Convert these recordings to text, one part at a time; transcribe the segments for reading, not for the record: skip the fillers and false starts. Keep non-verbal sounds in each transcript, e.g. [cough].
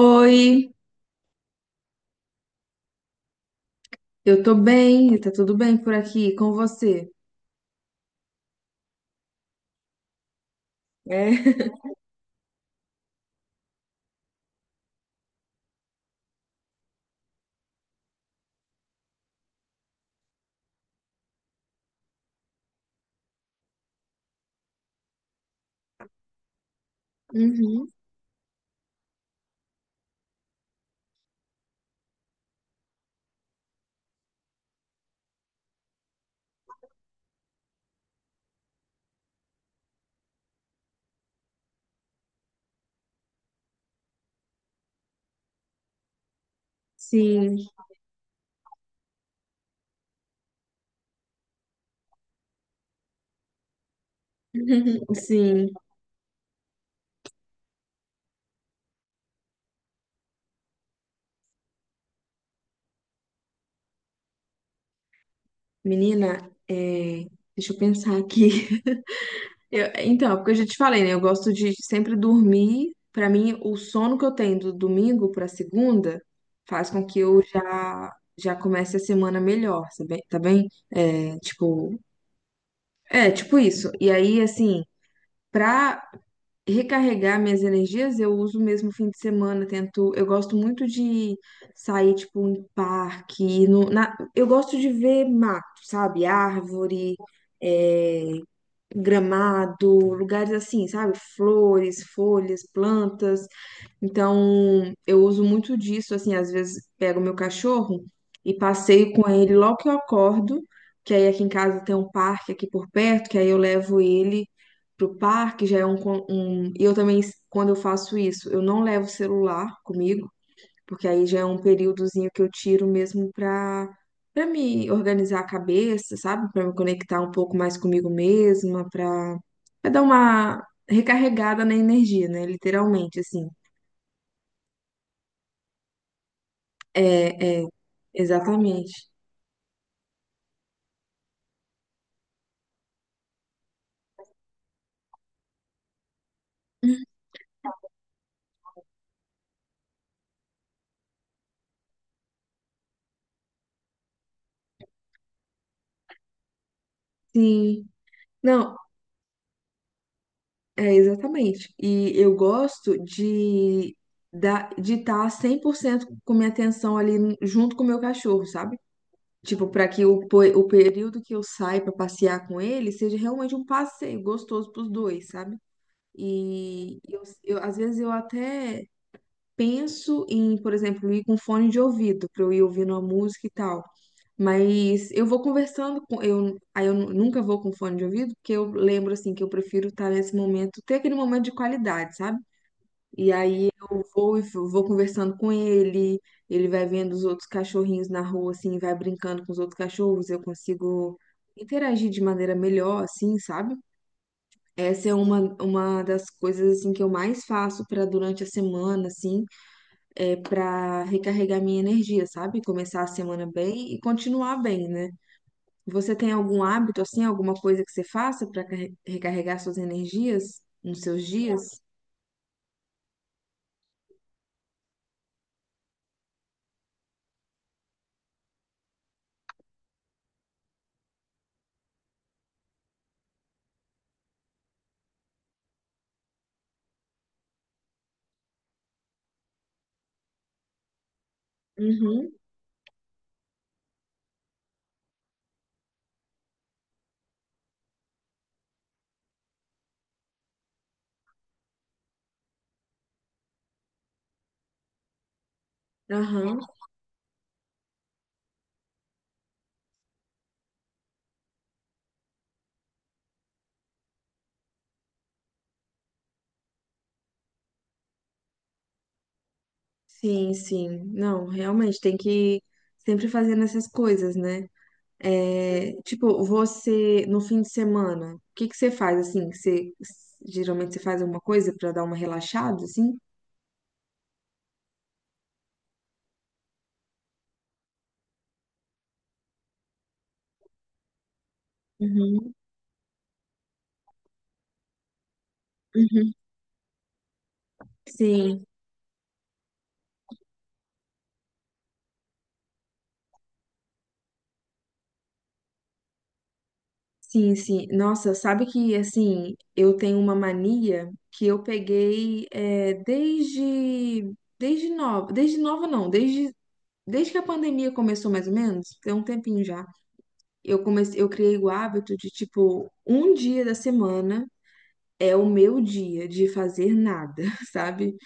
Oi, eu tô bem, tá tudo bem por aqui com você? É. [laughs] Uhum. Sim, [laughs] sim. Menina, é, deixa eu pensar aqui. [laughs] Então, é porque eu já te falei, né? Eu gosto de sempre dormir. Pra mim, o sono que eu tenho do domingo pra segunda faz com que eu já comece a semana melhor, sabe? Tá bem? É, tipo isso. E aí, assim, pra recarregar minhas energias, eu uso mesmo fim de semana, tento, eu gosto muito de sair, tipo, em parque, ir no, na, eu gosto de ver mato, sabe, árvore, eh, gramado, lugares assim, sabe? Flores, folhas, plantas. Então, eu uso muito disso, assim, às vezes pego meu cachorro e passeio com ele logo que eu acordo, que aí aqui em casa tem um parque aqui por perto, que aí eu levo ele pro parque, já é um, um... E eu também, quando eu faço isso, eu não levo celular comigo, porque aí já é um períodozinho que eu tiro mesmo pra para me organizar a cabeça, sabe? Pra me conectar um pouco mais comigo mesma, pra dar uma recarregada na energia, né? Literalmente, assim. É, exatamente. Sim, não, é exatamente. E eu gosto de da, de estar 100% com minha atenção ali junto com o meu cachorro, sabe? Tipo, para que o, o período que eu saio para passear com ele seja realmente um passeio gostoso para os dois, sabe? E às vezes eu até penso em, por exemplo, ir com fone de ouvido, para eu ir ouvindo a música e tal. Mas eu vou conversando com eu, aí eu nunca vou com fone de ouvido, porque eu lembro assim que eu prefiro estar nesse momento, ter aquele momento de qualidade, sabe? E aí eu vou e vou conversando com ele, ele vai vendo os outros cachorrinhos na rua, assim, vai brincando com os outros cachorros, eu consigo interagir de maneira melhor, assim, sabe? Essa é uma das coisas, assim, que eu mais faço para durante a semana, assim, é para recarregar minha energia, sabe? Começar a semana bem e continuar bem, né? Você tem algum hábito, assim, alguma coisa que você faça para recarregar suas energias nos seus dias? Uhum, aham. Sim, sim. Não, realmente tem que sempre fazendo essas coisas, né? É, tipo, você no fim de semana, o que que você faz assim? Você geralmente você faz alguma coisa pra dar uma relaxada, assim? Uhum, uhum. Sim, sim, sim. Nossa, sabe que assim, eu tenho uma mania que eu peguei é, desde nova não, desde que a pandemia começou mais ou menos, tem um tempinho já. Eu comecei, eu criei o hábito de, tipo, um dia da semana é o meu dia de fazer nada, [laughs] sabe?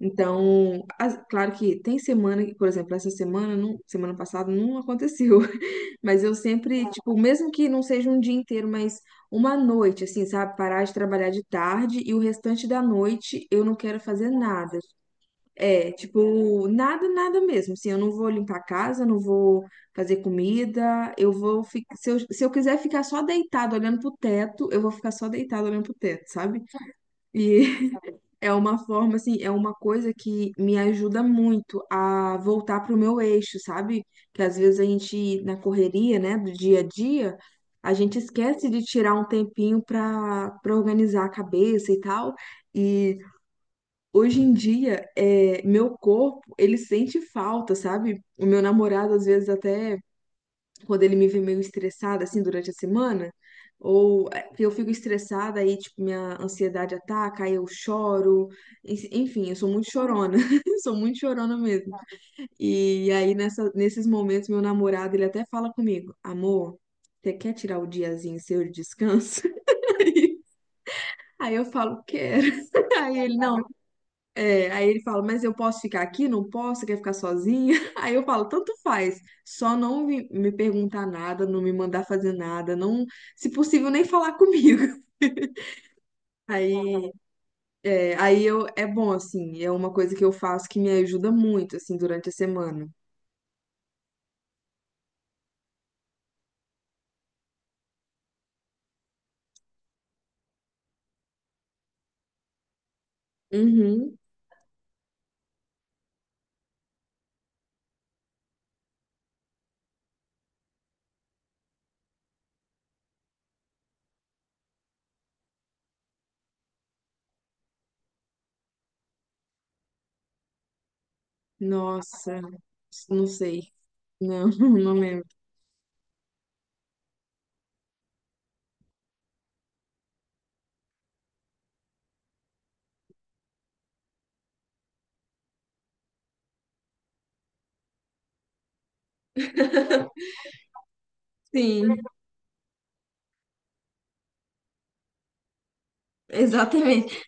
Então, claro que tem semana que, por exemplo, essa semana, não, semana passada não aconteceu, [laughs] mas eu sempre, tipo, mesmo que não seja um dia inteiro, mas uma noite, assim, sabe? Parar de trabalhar de tarde e o restante da noite eu não quero fazer nada. É, tipo, nada, nada mesmo. Assim, eu não vou limpar a casa, não vou fazer comida, eu vou ficar. Se eu quiser ficar só deitado olhando pro teto, eu vou ficar só deitado olhando pro teto, sabe? E [laughs] é uma forma, assim, é uma coisa que me ajuda muito a voltar pro meu eixo, sabe? Que às vezes a gente, na correria, né, do dia a dia, a gente esquece de tirar um tempinho pra organizar a cabeça e tal. e Hoje em dia, é, meu corpo, ele sente falta, sabe? O meu namorado, às vezes, até quando ele me vê meio estressada, assim, durante a semana, ou é, que eu fico estressada, aí, tipo, minha ansiedade ataca, aí eu choro. Enfim, eu sou muito chorona, [laughs] sou muito chorona mesmo. E aí, nesses momentos, meu namorado, ele até fala comigo, amor, você quer tirar o diazinho seu de descanso? [laughs] Aí eu falo, quero. [laughs] Aí ele, não, é, aí ele fala, mas eu posso ficar aqui? Não posso? Você quer ficar sozinha? [laughs] Aí eu falo, tanto faz, só não me perguntar nada, não me mandar fazer nada, não, se possível, nem falar comigo. [laughs] Aí, é, aí eu, é bom, assim, é uma coisa que eu faço que me ajuda muito, assim, durante a semana. Uhum. Nossa, não sei, não, [laughs] não lembro. Sim, exatamente.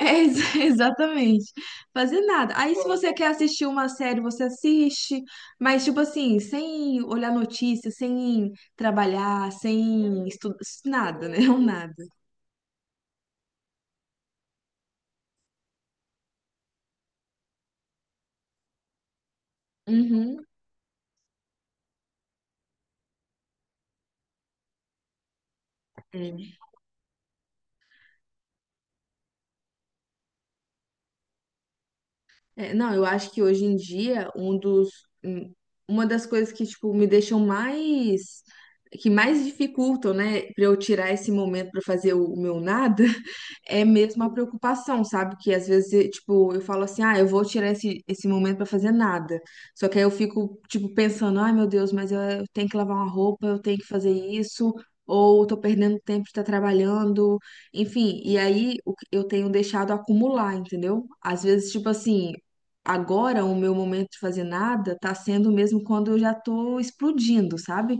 É, ex- [laughs] exatamente. Fazer nada. Aí, se você quer assistir uma série, você assiste, mas, tipo assim, sem olhar notícias, sem trabalhar, sem estudar, nada, né? [laughs] Um nada. Uhum. É, não, eu acho que hoje em dia um dos um- uma das coisas que tipo me deixam mais que mais dificultam, né, para eu tirar esse momento para fazer o meu nada, [laughs] é mesmo a preocupação, sabe? Que às vezes, tipo, eu falo assim, ah, eu vou tirar esse momento para fazer nada. Só que aí eu fico, tipo, pensando, ai meu Deus, mas eu tenho que lavar uma roupa, eu tenho que fazer isso, ou eu tô perdendo tempo de estar trabalhando, enfim. E aí o que eu tenho deixado acumular, entendeu? Às vezes, tipo assim agora o meu momento de fazer nada tá sendo mesmo quando eu já tô explodindo, sabe?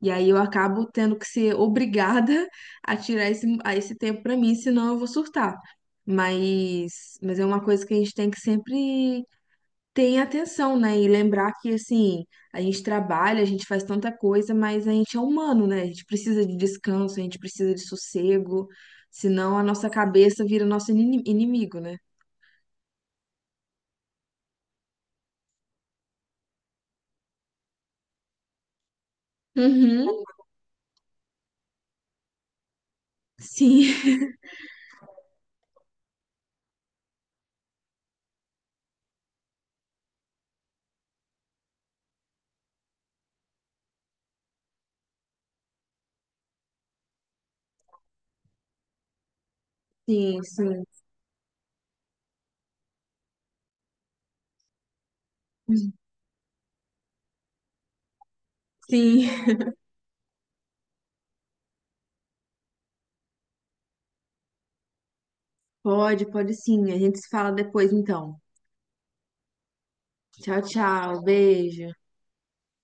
E aí eu acabo tendo que ser obrigada [laughs] a tirar a esse tempo pra mim, senão eu vou surtar. Mas é uma coisa que a gente tem que sempre ter em atenção, né? E lembrar que, assim, a gente trabalha, a gente faz tanta coisa, mas a gente é humano, né? A gente precisa de descanso, a gente precisa de sossego, senão a nossa cabeça vira nosso inimigo, né? Uhum. Sim, [laughs] sim, sim. Sim, pode, pode sim. A gente se fala depois, então. Tchau, tchau. Beijo.